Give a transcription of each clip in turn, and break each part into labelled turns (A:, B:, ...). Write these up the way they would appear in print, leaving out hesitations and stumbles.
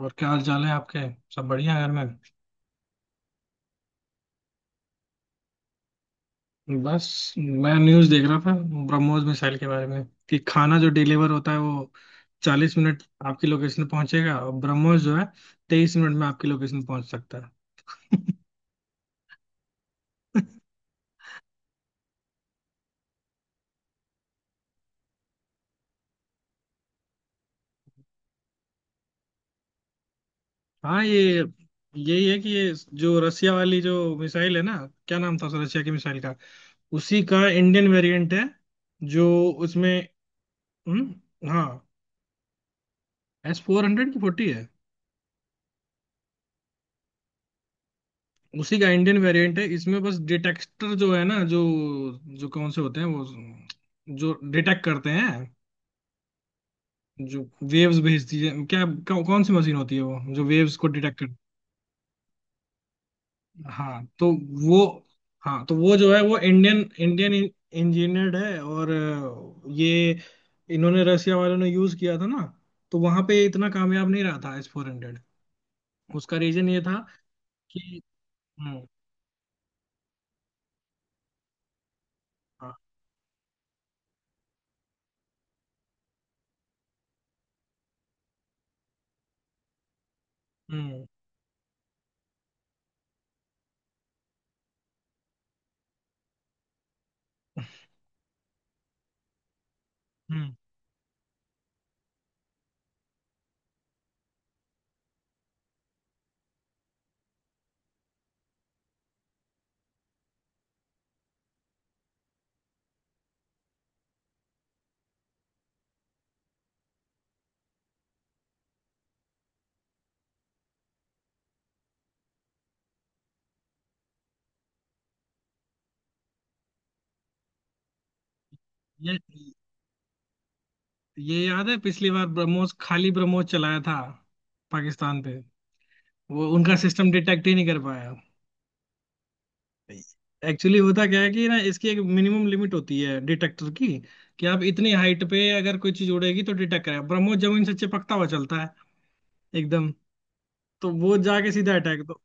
A: और क्या हाल चाल है आपके। सब बढ़िया है घर में। बस मैं न्यूज़ देख रहा था ब्रह्मोस मिसाइल के बारे में। कि खाना जो डिलीवर होता है वो 40 मिनट आपकी लोकेशन पे पहुंचेगा और ब्रह्मोस जो है 23 मिनट में आपकी लोकेशन पहुंच सकता है। हाँ, ये यही है कि ये जो रसिया वाली जो मिसाइल है ना, क्या नाम था उस रसिया की मिसाइल का। उसी का इंडियन वेरिएंट है। जो उसमें हम्म, हाँ। एस फोर हंड्रेड की फोर्टी है। उसी का इंडियन वेरिएंट है। इसमें बस डिटेक्टर जो है ना, जो जो कौन से होते हैं वो जो डिटेक्ट करते हैं। जो वेव्स भेजती है, कौन सी मशीन होती है वो जो वेव्स को डिटेक्ट कर। हाँ तो वो हाँ तो वो जो है वो इंडियन इंडियन इंजीनियर्ड है। और ये इन्होंने रसिया वालों ने यूज किया था ना। तो वहां पे इतना कामयाब नहीं रहा था एस फोर हंड्रेड। उसका रीजन ये था कि हम्म हाँ, हम्म हम्म, ये ये याद है पिछली बार ब्रह्मोस खाली ब्रह्मोस चलाया था पाकिस्तान पे। वो उनका सिस्टम डिटेक्ट ही नहीं कर पाया। एक्चुअली होता क्या है कि ना इसकी एक मिनिमम लिमिट होती है डिटेक्टर की। कि आप इतनी हाइट पे अगर कोई चीज उड़ेगी तो डिटेक्ट करेगा। ब्रह्मोस जमीन से चिपकता हुआ चलता है एकदम। तो वो जाके सीधा अटैक।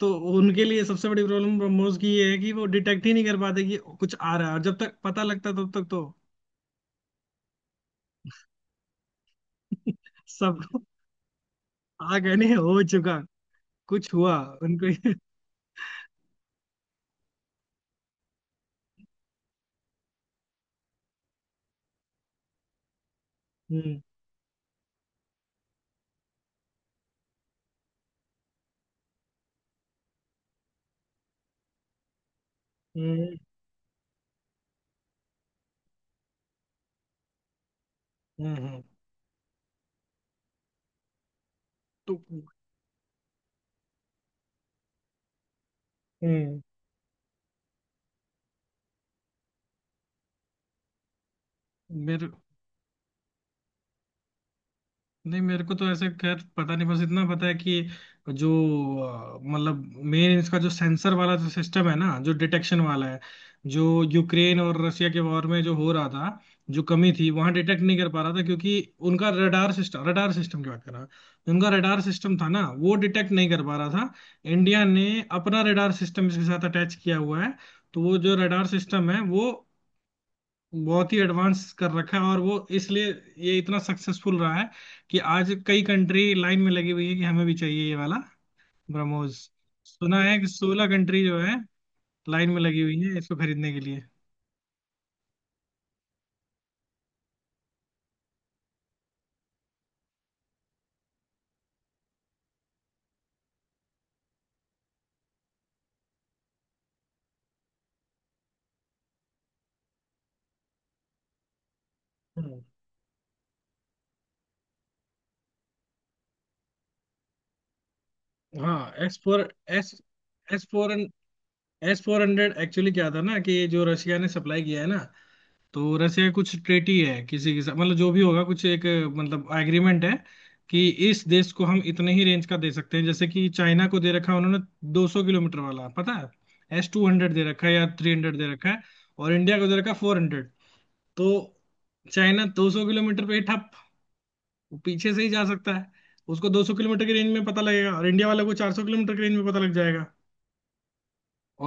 A: तो उनके लिए सबसे बड़ी प्रॉब्लम ब्रह्मोस की ये है कि वो डिटेक्ट ही नहीं कर पाते कि कुछ आ रहा है, और जब तक पता लगता है, तब तक तो सबको। आ गए नहीं, हो चुका कुछ हुआ उनको हम्म हम्म हम्म हम्म तो हम्म, मेरे नहीं, मेरे को तो ऐसे खैर पता नहीं, बस इतना पता है कि जो मतलब मेन इसका जो सेंसर वाला जो सिस्टम है ना जो डिटेक्शन वाला है, जो यूक्रेन और रशिया के वॉर में जो हो रहा था, जो कमी थी वहां डिटेक्ट नहीं कर पा रहा था क्योंकि उनका रडार सिस्टम की बात कर रहा हूं। उनका रडार सिस्टम था ना वो डिटेक्ट नहीं कर पा रहा था। इंडिया ने अपना रडार सिस्टम इसके साथ अटैच किया हुआ है। तो वो जो रडार सिस्टम है वो बहुत ही एडवांस कर रखा है और वो इसलिए ये इतना सक्सेसफुल रहा है कि आज कई कंट्री लाइन में लगी हुई है कि हमें भी चाहिए ये वाला ब्रह्मोस। सुना है कि 16 कंट्री जो है लाइन में लगी हुई है इसको खरीदने के लिए। हम्म, हाँ S four S S four S four hundred actually क्या था ना कि ये जो रशिया ने सप्लाई किया है ना, तो रसिया कुछ ट्रेटी है किसी के साथ, मतलब जो भी होगा कुछ एक मतलब एग्रीमेंट है कि इस देश को हम इतने ही रेंज का दे सकते हैं। जैसे कि चाइना को दे रखा है उन्होंने 200 किलोमीटर वाला, पता है एस टू हंड्रेड दे रखा है या थ्री हंड्रेड दे रखा है। और इंडिया को दे रखा है फोर हंड्रेड। तो चाइना 200 किलोमीटर पे ही ठप, वो पीछे से ही जा सकता है। उसको 200 किलोमीटर की रेंज में पता लगेगा और इंडिया वाले को 400 किलोमीटर की रेंज में पता लग जाएगा।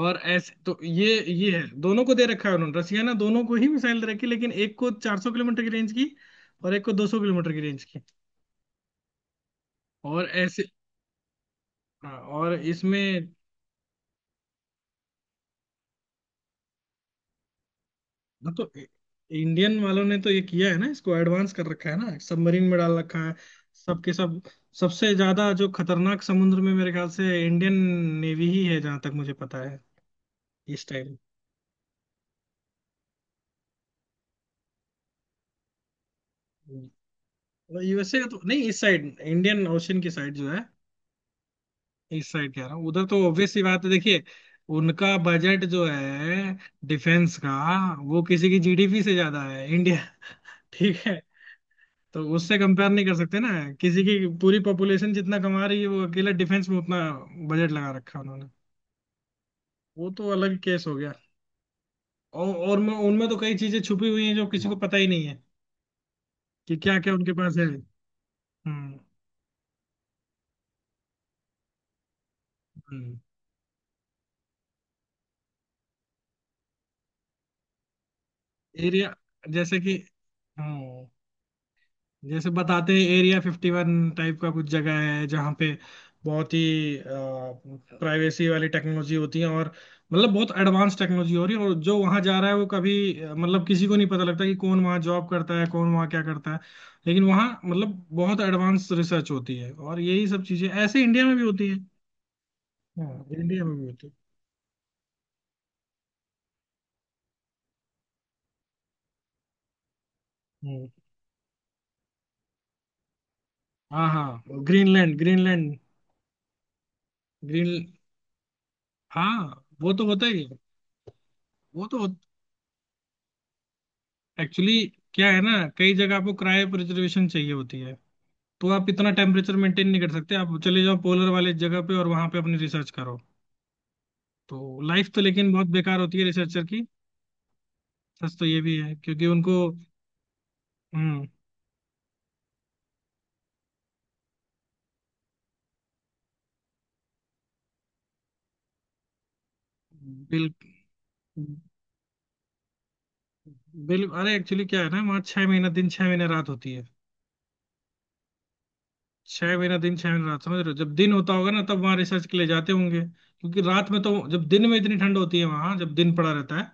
A: और ऐसे तो ये है, दोनों को दे रखा है उन्होंने रसिया ना, दोनों को ही मिसाइल दे रखी है, लेकिन एक को 400 किलोमीटर की रेंज की और एक को 200 किलोमीटर की रेंज की। और ऐसे हाँ, और इसमें हाँ, तो इंडियन वालों ने तो ये किया है ना, इसको एडवांस कर रखा है ना, सबमरीन में डाल रखा है सबके सब। सबसे ज्यादा जो खतरनाक समुद्र में मेरे ख्याल से इंडियन नेवी ही है जहां तक मुझे पता है इस टाइम। यूएसए का तो नहीं, इस साइड इंडियन ओशन की साइड जो है, इस साइड कह रहा हूँ। उधर तो ऑब्वियस सी बात है, देखिए उनका बजट जो है डिफेंस का, वो किसी की जीडीपी से ज्यादा है इंडिया। ठीक है। तो उससे कंपेयर नहीं कर सकते ना। किसी की पूरी पॉपुलेशन जितना कमा रही है, वो अकेला डिफेंस में उतना बजट लगा रखा है उन्होंने। वो तो अलग केस हो गया। और उनमें उनमें तो कई चीजें छुपी हुई हैं जो किसी को पता ही नहीं है कि क्या क्या उनके पास है। हम्म एरिया जैसे कि हम्म। जैसे बताते हैं एरिया फिफ्टी वन टाइप का कुछ जगह है जहाँ पे बहुत ही प्राइवेसी वाली टेक्नोलॉजी होती है, और मतलब बहुत एडवांस टेक्नोलॉजी हो रही है, और जो वहाँ जा रहा है वो कभी मतलब किसी को नहीं पता लगता कि कौन वहाँ जॉब करता है, कौन वहाँ क्या करता है। लेकिन वहाँ मतलब बहुत एडवांस रिसर्च होती है और यही सब चीजें ऐसे इंडिया में भी होती है। हाँ इंडिया में भी होती है। हम्म, हाँ हाँ ग्रीनलैंड ग्रीनलैंड। ग्रीन हाँ वो तो होता ही है। वो तो हो- एक्चुअली क्या है ना, कई जगह आपको क्रायो प्रिजर्वेशन चाहिए होती है, तो आप इतना टेम्परेचर मेंटेन नहीं कर सकते। आप चले जाओ पोलर वाले जगह पे और वहां पे अपनी रिसर्च करो। तो लाइफ तो लेकिन बहुत बेकार होती है रिसर्चर की। सच तो ये भी है क्योंकि उनको हम्म बिल बिल अरे एक्चुअली क्या है ना, वहाँ 6 महीना दिन 6 महीना रात होती है। 6 महीना दिन छह महीना रात, समझ रहे हो, जब दिन होता होगा ना तब वहाँ रिसर्च के लिए जाते होंगे क्योंकि रात में तो, जब दिन में इतनी ठंड होती है वहाँ जब दिन पड़ा रहता है,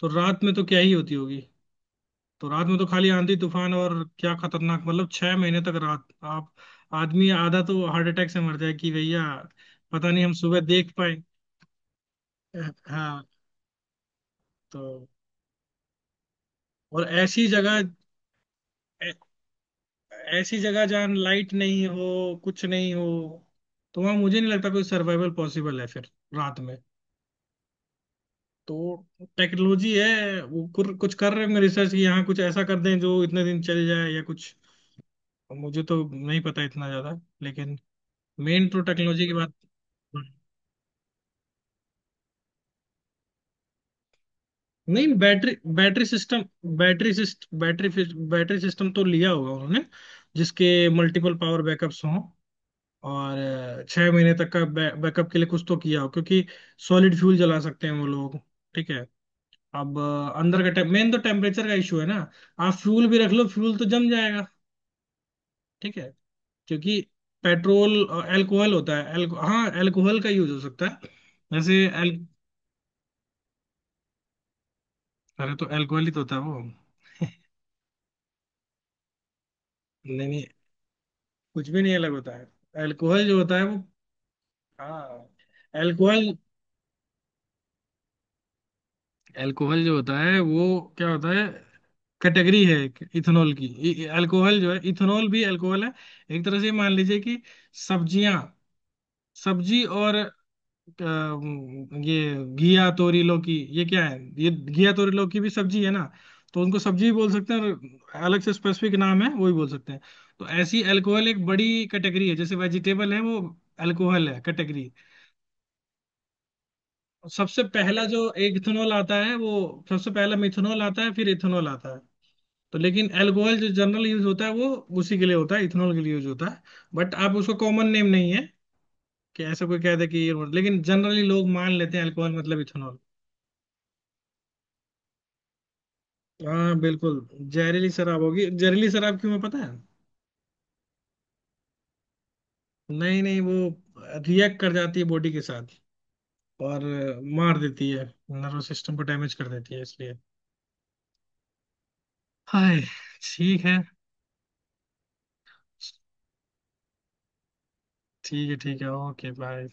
A: तो रात में तो क्या ही होती होगी। तो रात में तो खाली आंधी तूफान और क्या खतरनाक, मतलब 6 महीने तक रात। आप आदमी आधा तो हार्ट अटैक से मर जाए कि भैया, पता नहीं हम सुबह देख पाए। हाँ तो और ऐसी जगह ऐ- ऐसी जगह जहाँ लाइट नहीं हो, कुछ नहीं हो, तो वहाँ मुझे नहीं लगता कोई सर्वाइवल पॉसिबल है फिर रात में। तो टेक्नोलॉजी है वो कुछ कर रहे हैं रिसर्च कि यहाँ कुछ ऐसा कर दें जो इतने दिन चल जाए या कुछ, मुझे तो नहीं पता इतना ज्यादा, लेकिन मेन तो टेक्नोलॉजी की बात। नहीं battery, battery system, battery system तो लिया होगा उन्होंने जिसके मल्टीपल पावर बैकअप्स हों। और छह महीने तक का बैकअप के लिए कुछ तो किया हो क्योंकि सॉलिड फ्यूल जला सकते हैं वो लोग। ठीक है। अब अ, अंदर का टेम मेन तो टेम्परेचर का इशू है ना। आप फ्यूल भी रख लो, फ्यूल तो जम जाएगा। ठीक है। क्योंकि पेट्रोल और एल्कोहल होता है। हाँ एल्कोहल का यूज हो सकता है जैसे। एल अरे तो एल्कोहल ही तो होता है वो। नहीं नहीं, कुछ भी नहीं अलग होता है। अल्कोहल जो होता है वो हाँ। अल्कोहल, अल्कोहल जो होता है वो क्या होता है, कैटेगरी है इथेनॉल की। अल्कोहल जो है, इथेनॉल भी अल्कोहल है। एक तरह से मान लीजिए कि सब्जियां, सब्जी और ये घिया तोरी लौकी, ये क्या है, ये घिया तोरी लौकी भी सब्जी है ना, तो उनको सब्जी भी बोल सकते हैं और अलग से स्पेसिफिक नाम है वो भी बोल सकते हैं। तो ऐसी अल्कोहल एक बड़ी कैटेगरी है, जैसे वेजिटेबल है वो। अल्कोहल है कैटेगरी। सबसे पहला जो एक इथेनॉल आता है वो, सबसे पहला मिथेनॉल आता है फिर इथेनॉल आता है। तो लेकिन अल्कोहल जो जनरल यूज होता है वो उसी के लिए होता है, इथेनॉल के लिए यूज होता है। बट आप उसको कॉमन नेम नहीं है कि ऐसा कोई कहता है कि ये मतलब, लेकिन जनरली लोग मान लेते हैं अल्कोहल मतलब इथेनॉल। हाँ बिल्कुल। जहरीली शराब होगी, जहरीली शराब क्यों है पता है, नहीं नहीं वो रिएक्ट कर जाती है बॉडी के साथ और मार देती है। नर्वस सिस्टम को डैमेज कर देती है इसलिए। हाय, ठीक है। ठीक है ठीक है, ओके बाय।